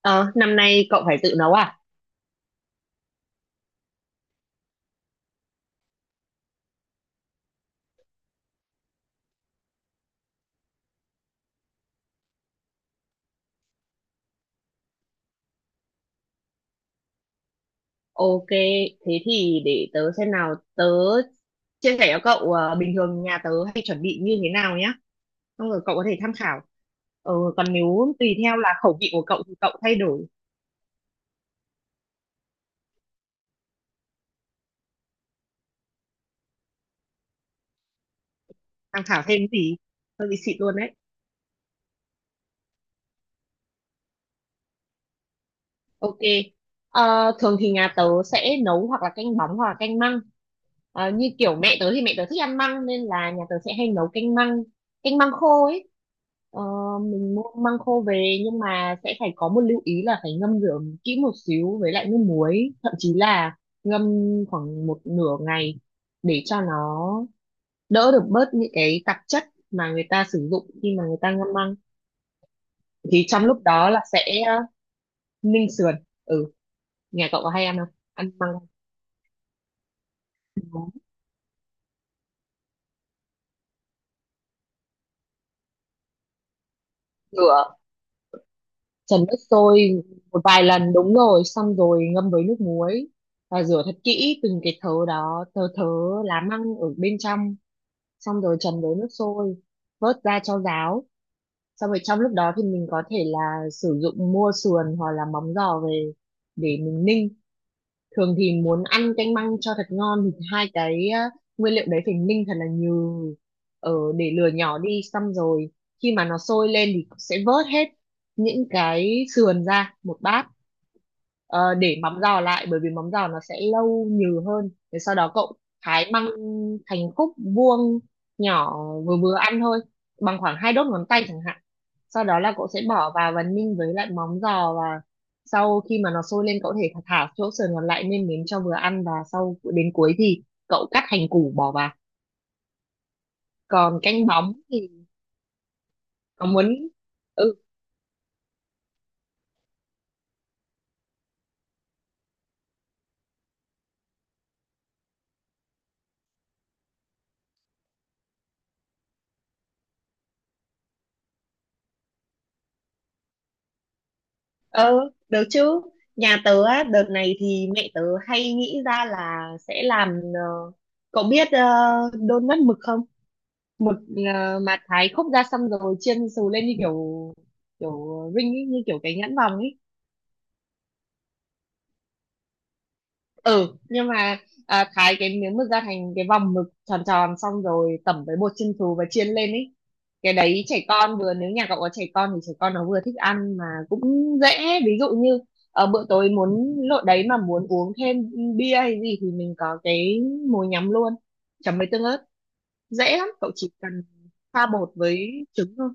Ờ, Năm nay cậu phải tự nấu à? Ok, thế thì để tớ xem nào, tớ chia sẻ cho cậu bình thường nhà tớ hay chuẩn bị như thế nào nhá. Xong rồi cậu có thể tham khảo. Còn nếu tùy theo là khẩu vị của cậu thì cậu thay đổi, tham khảo thêm gì. Hơi bị xịn luôn đấy. Ok. Thường thì nhà tớ sẽ nấu hoặc là canh bóng hoặc là canh măng. Như kiểu mẹ tớ thì mẹ tớ thích ăn măng nên là nhà tớ sẽ hay nấu canh măng khô ấy. Ờ, mình mua măng khô về nhưng mà sẽ phải có một lưu ý là phải ngâm rửa kỹ một xíu với lại nước muối, thậm chí là ngâm khoảng một nửa ngày để cho nó đỡ được bớt những cái tạp chất mà người ta sử dụng khi mà người ta ngâm măng. Thì trong lúc đó là sẽ ninh sườn. Ừ, nhà cậu có hay ăn không, ăn măng, rửa, trần nước sôi một vài lần, đúng rồi, xong rồi ngâm với nước muối và rửa thật kỹ từng cái thớ đó, thớ thớ lá măng ở bên trong, xong rồi trần với nước sôi, vớt ra cho ráo. Xong rồi trong lúc đó thì mình có thể là sử dụng mua sườn hoặc là móng giò về để mình ninh. Thường thì muốn ăn canh măng cho thật ngon thì hai cái á, nguyên liệu đấy phải ninh thật là nhừ, ở để lửa nhỏ đi, xong rồi khi mà nó sôi lên thì sẽ vớt hết những cái sườn ra một bát. Ờ, để mắm giò lại bởi vì mắm giò nó sẽ lâu nhừ hơn. Thế sau đó cậu thái măng thành khúc vuông nhỏ, vừa vừa ăn thôi, bằng khoảng 2 đốt ngón tay chẳng hạn. Sau đó là cậu sẽ bỏ vào và ninh với lại móng giò. Sau khi mà nó sôi lên cậu có thể thả chỗ sườn còn lại, nêm nếm cho vừa ăn, và sau đến cuối thì cậu cắt hành củ bỏ vào. Còn canh bóng thì có muốn, ừ, Ờ, được chứ. Nhà tớ á, đợt này thì mẹ tớ hay nghĩ ra là sẽ làm ờ, cậu biết đôn mất mực không? Mực mà thái khúc ra, xong rồi chiên xù lên như kiểu kiểu ring ấy, như kiểu cái nhãn vòng ấy. Ừ, nhưng mà thái cái miếng mực ra thành cái vòng mực tròn tròn, xong rồi tẩm với bột chiên xù và chiên lên ấy. Cái đấy trẻ con vừa, nếu nhà cậu có trẻ con thì trẻ con nó vừa thích ăn mà cũng dễ. Ví dụ như ở bữa tối muốn lộn đấy mà muốn uống thêm bia hay gì thì mình có cái mồi nhắm luôn, chấm với tương ớt. Dễ lắm, cậu chỉ cần pha bột với trứng thôi.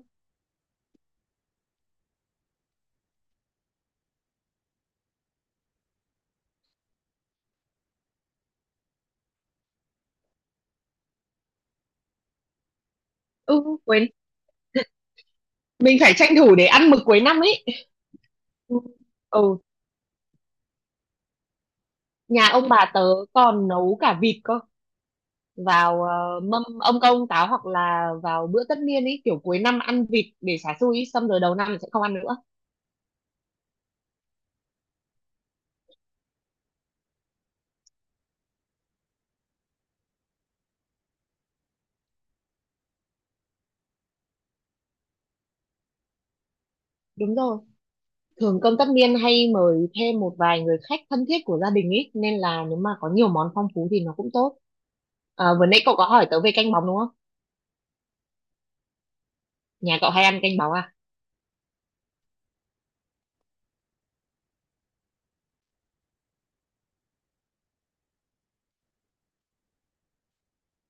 Ừ quên, mình phải tranh thủ để ăn mực cuối năm ấy. Ừ. Ừ, nhà ông bà tớ còn nấu cả vịt cơ, vào mâm ông công ông táo hoặc là vào bữa tất niên ấy, kiểu cuối năm ăn vịt để xả xui ý, xong rồi đầu năm thì sẽ không ăn nữa. Đúng rồi, thường cơm tất niên hay mời thêm một vài người khách thân thiết của gia đình ấy, nên là nếu mà có nhiều món phong phú thì nó cũng tốt. Vừa nãy cậu có hỏi tớ về canh bóng đúng không, nhà cậu hay ăn canh bóng à?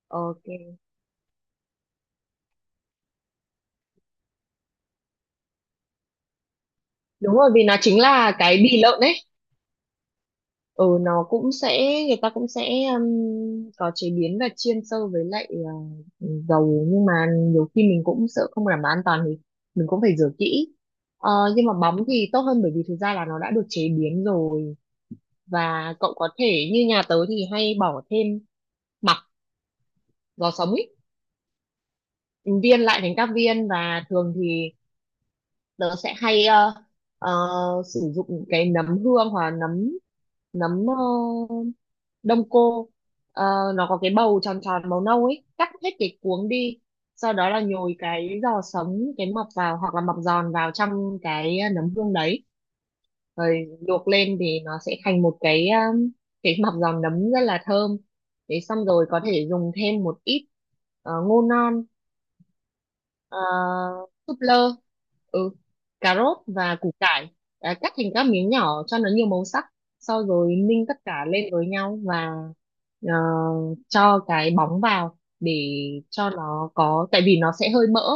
Ok, đúng rồi vì nó chính là cái bì lợn ấy. Ừ, nó cũng sẽ, người ta cũng sẽ có chế biến và chiên sâu với lại dầu, nhưng mà nhiều khi mình cũng sợ không đảm bảo an toàn thì mình cũng phải rửa kỹ. Ờ, nhưng mà bóng thì tốt hơn bởi vì thực ra là nó đã được chế biến rồi, và cậu có thể như nhà tớ thì hay bỏ thêm mặc giò sống ý, viên lại thành các viên. Và thường thì tớ sẽ hay ờ, sử dụng cái nấm hương hoặc là nấm nấm đông cô. Ờ, nó có cái bầu tròn tròn màu nâu ấy, cắt hết cái cuống đi, sau đó là nhồi cái giò sống, cái mọc vào hoặc là mọc giòn vào trong cái nấm hương đấy, rồi luộc lên thì nó sẽ thành một cái cái mọc giòn nấm rất là thơm. Thế xong rồi có thể dùng thêm một ít ngô non, ờ, súp lơ, ừ, cà rốt và củ cải, à, cắt thành các miếng nhỏ cho nó nhiều màu sắc, sau rồi ninh tất cả lên với nhau và ờ, cho cái bóng vào để cho nó có, tại vì nó sẽ hơi mỡ.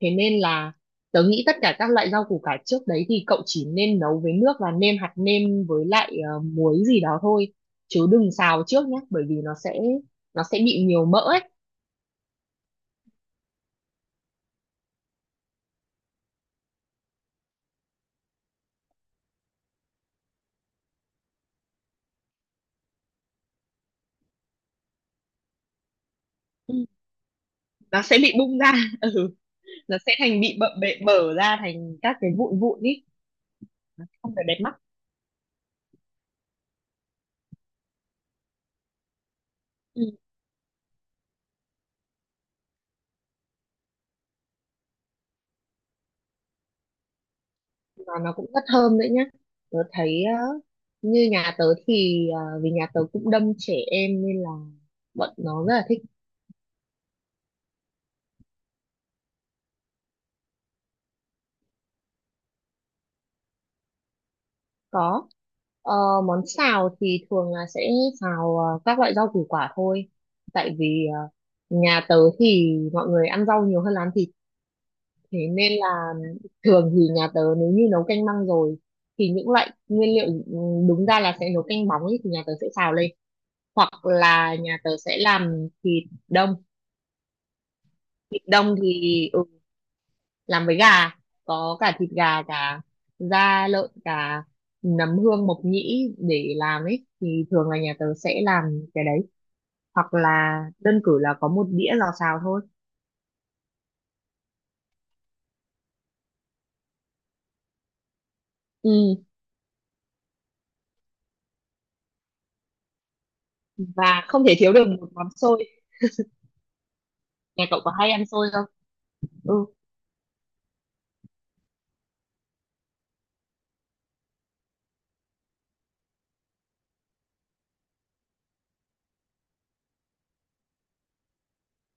Thế nên là tớ nghĩ tất cả các loại rau củ cải trước đấy thì cậu chỉ nên nấu với nước và nêm hạt nêm với lại muối gì đó thôi, chứ đừng xào trước nhé bởi vì nó sẽ bị nhiều mỡ ấy. Ừ, nó sẽ bị bung ra ừ, nó sẽ thành bị bợ bệ bở ra thành các cái vụn vụn ý, không phải đẹp mắt. Ừ. Mà nó cũng rất thơm đấy nhá, tớ thấy như nhà tớ thì vì nhà tớ cũng đông trẻ em nên là bọn nó rất là thích. Có. Ờ, Món xào thì thường là sẽ xào các loại rau củ quả thôi, tại vì nhà tớ thì mọi người ăn rau nhiều hơn là ăn thịt. Thế nên là thường thì nhà tớ nếu như nấu canh măng rồi thì những loại nguyên liệu, ừ, đúng ra là sẽ nấu canh bóng ấy, thì nhà tớ sẽ xào lên, hoặc là nhà tớ sẽ làm thịt đông. Thịt đông thì ừ, làm với gà, có cả thịt gà, cả da lợn, cả nấm hương mộc nhĩ để làm ấy, thì thường là nhà tớ sẽ làm cái đấy, hoặc là đơn cử là có một đĩa lò xào thôi. Ừ, và không thể thiếu được một món xôi, nhà cậu có hay ăn xôi không? Ừ.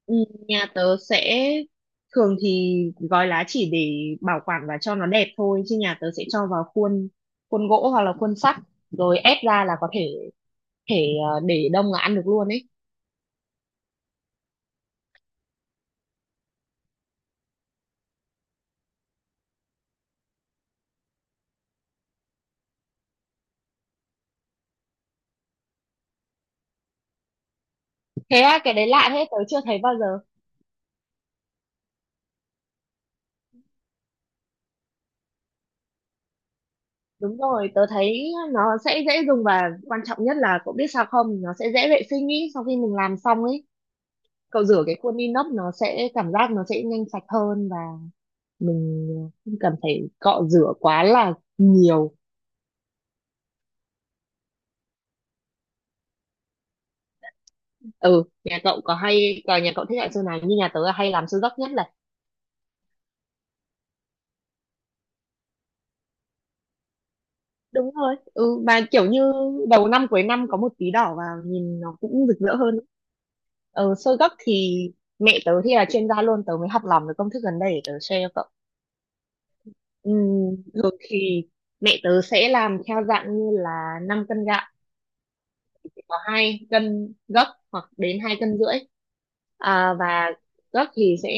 Ừ, nhà tớ sẽ, thường thì gói lá chỉ để bảo quản và cho nó đẹp thôi, chứ nhà tớ sẽ cho vào khuôn, khuôn gỗ hoặc là khuôn sắt, rồi ép ra là có thể thể để đông là ăn được luôn ấy. Thế á, cái đấy lạ thế, tớ chưa thấy bao giờ. Đúng rồi, tớ thấy nó sẽ dễ dùng, và quan trọng nhất là cậu biết sao không, nó sẽ dễ vệ sinh ý, sau khi mình làm xong ấy, cậu rửa cái khuôn inox nó sẽ cảm giác nó sẽ nhanh sạch hơn, và mình không cần phải cọ rửa quá là nhiều. Ừ, nhà cậu có hay, còn nhà cậu thích loại sơn nào, như nhà tớ là hay làm siêu dốc nhất là, đúng rồi, ừ mà kiểu như đầu năm cuối năm có một tí đỏ vào nhìn nó cũng rực rỡ hơn. Ờ sơ gấc thì mẹ tớ thì là chuyên gia luôn, tớ mới học lòng được công thức gần đây để tớ share cho cậu. Thường thì mẹ tớ sẽ làm theo dạng như là 5 cân gạo thì có 2 cân gấc hoặc đến 2 cân rưỡi, à, và gấc thì sẽ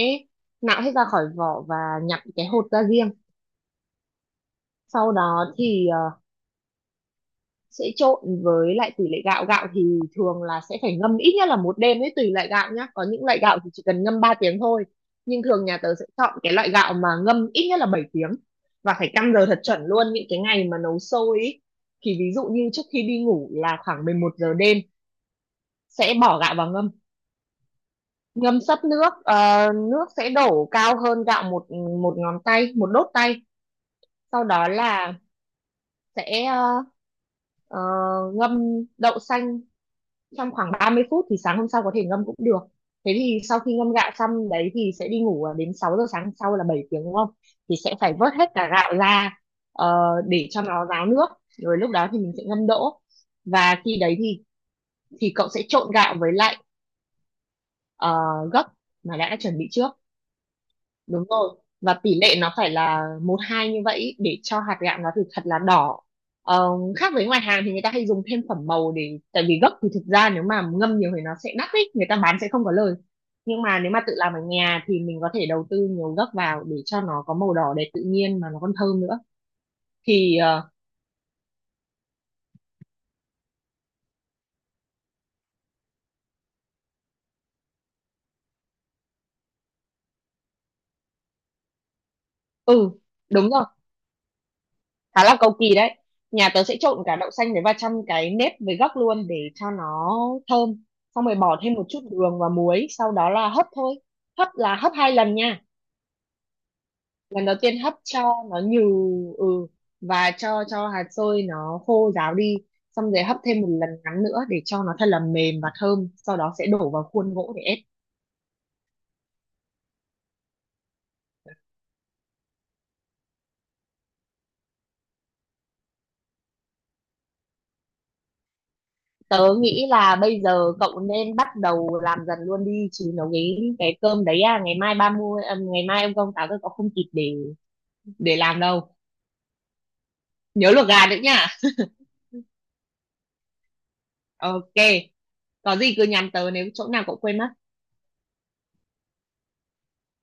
nạo hết ra khỏi vỏ và nhặt cái hột ra riêng. Sau đó thì sẽ trộn với lại tỷ lệ gạo, gạo thì thường là sẽ phải ngâm ít nhất là một đêm ấy, tùy loại gạo nhá, có những loại gạo thì chỉ cần ngâm 3 tiếng thôi, nhưng thường nhà tớ sẽ chọn cái loại gạo mà ngâm ít nhất là 7 tiếng. Và phải căn giờ thật chuẩn luôn những cái ngày mà nấu sôi ấy. Thì ví dụ như trước khi đi ngủ là khoảng 11 giờ đêm sẽ bỏ gạo vào ngâm, ngâm sấp nước, nước sẽ đổ cao hơn gạo một, ngón tay, một đốt tay. Sau đó là sẽ ờ, ngâm đậu xanh trong khoảng 30 phút, thì sáng hôm sau có thể ngâm cũng được. Thế thì sau khi ngâm gạo xong đấy thì sẽ đi ngủ, à, đến 6 giờ sáng sau là 7 tiếng đúng không, thì sẽ phải vớt hết cả gạo ra, ờ, để cho nó ráo nước, rồi lúc đó thì mình sẽ ngâm đỗ. Và khi đấy thì cậu sẽ trộn gạo với lại ờ, gấc mà đã chuẩn bị trước, đúng rồi, và tỷ lệ nó phải là 1-2 như vậy để cho hạt gạo nó thật là đỏ. Ờ, Khác với ngoài hàng thì người ta hay dùng thêm phẩm màu, để tại vì gốc thì thực ra nếu mà ngâm nhiều thì nó sẽ đắt ấy, người ta bán sẽ không có lời. Nhưng mà nếu mà tự làm ở nhà thì mình có thể đầu tư nhiều gốc vào để cho nó có màu đỏ đẹp tự nhiên mà nó còn thơm nữa. Thì ừ đúng rồi, khá là cầu kỳ đấy. Nhà tớ sẽ trộn cả đậu xanh với và chăm cái nếp với gấc luôn để cho nó thơm, xong rồi bỏ thêm một chút đường và muối, sau đó là hấp thôi, hấp là hấp 2 lần nha. Lần đầu tiên hấp cho nó nhừ, ừ, và cho hạt xôi nó khô ráo đi, xong rồi hấp thêm một lần ngắn nữa để cho nó thật là mềm và thơm, sau đó sẽ đổ vào khuôn gỗ để ép. Tớ nghĩ là bây giờ cậu nên bắt đầu làm dần luôn đi, chứ nấu cái cơm đấy, à ngày mai 30, à, ngày mai ông công táo tôi có không kịp để làm đâu. Nhớ luộc gà nữa nha. Ok, có gì cứ nhắn tớ nếu chỗ nào cậu quên mất.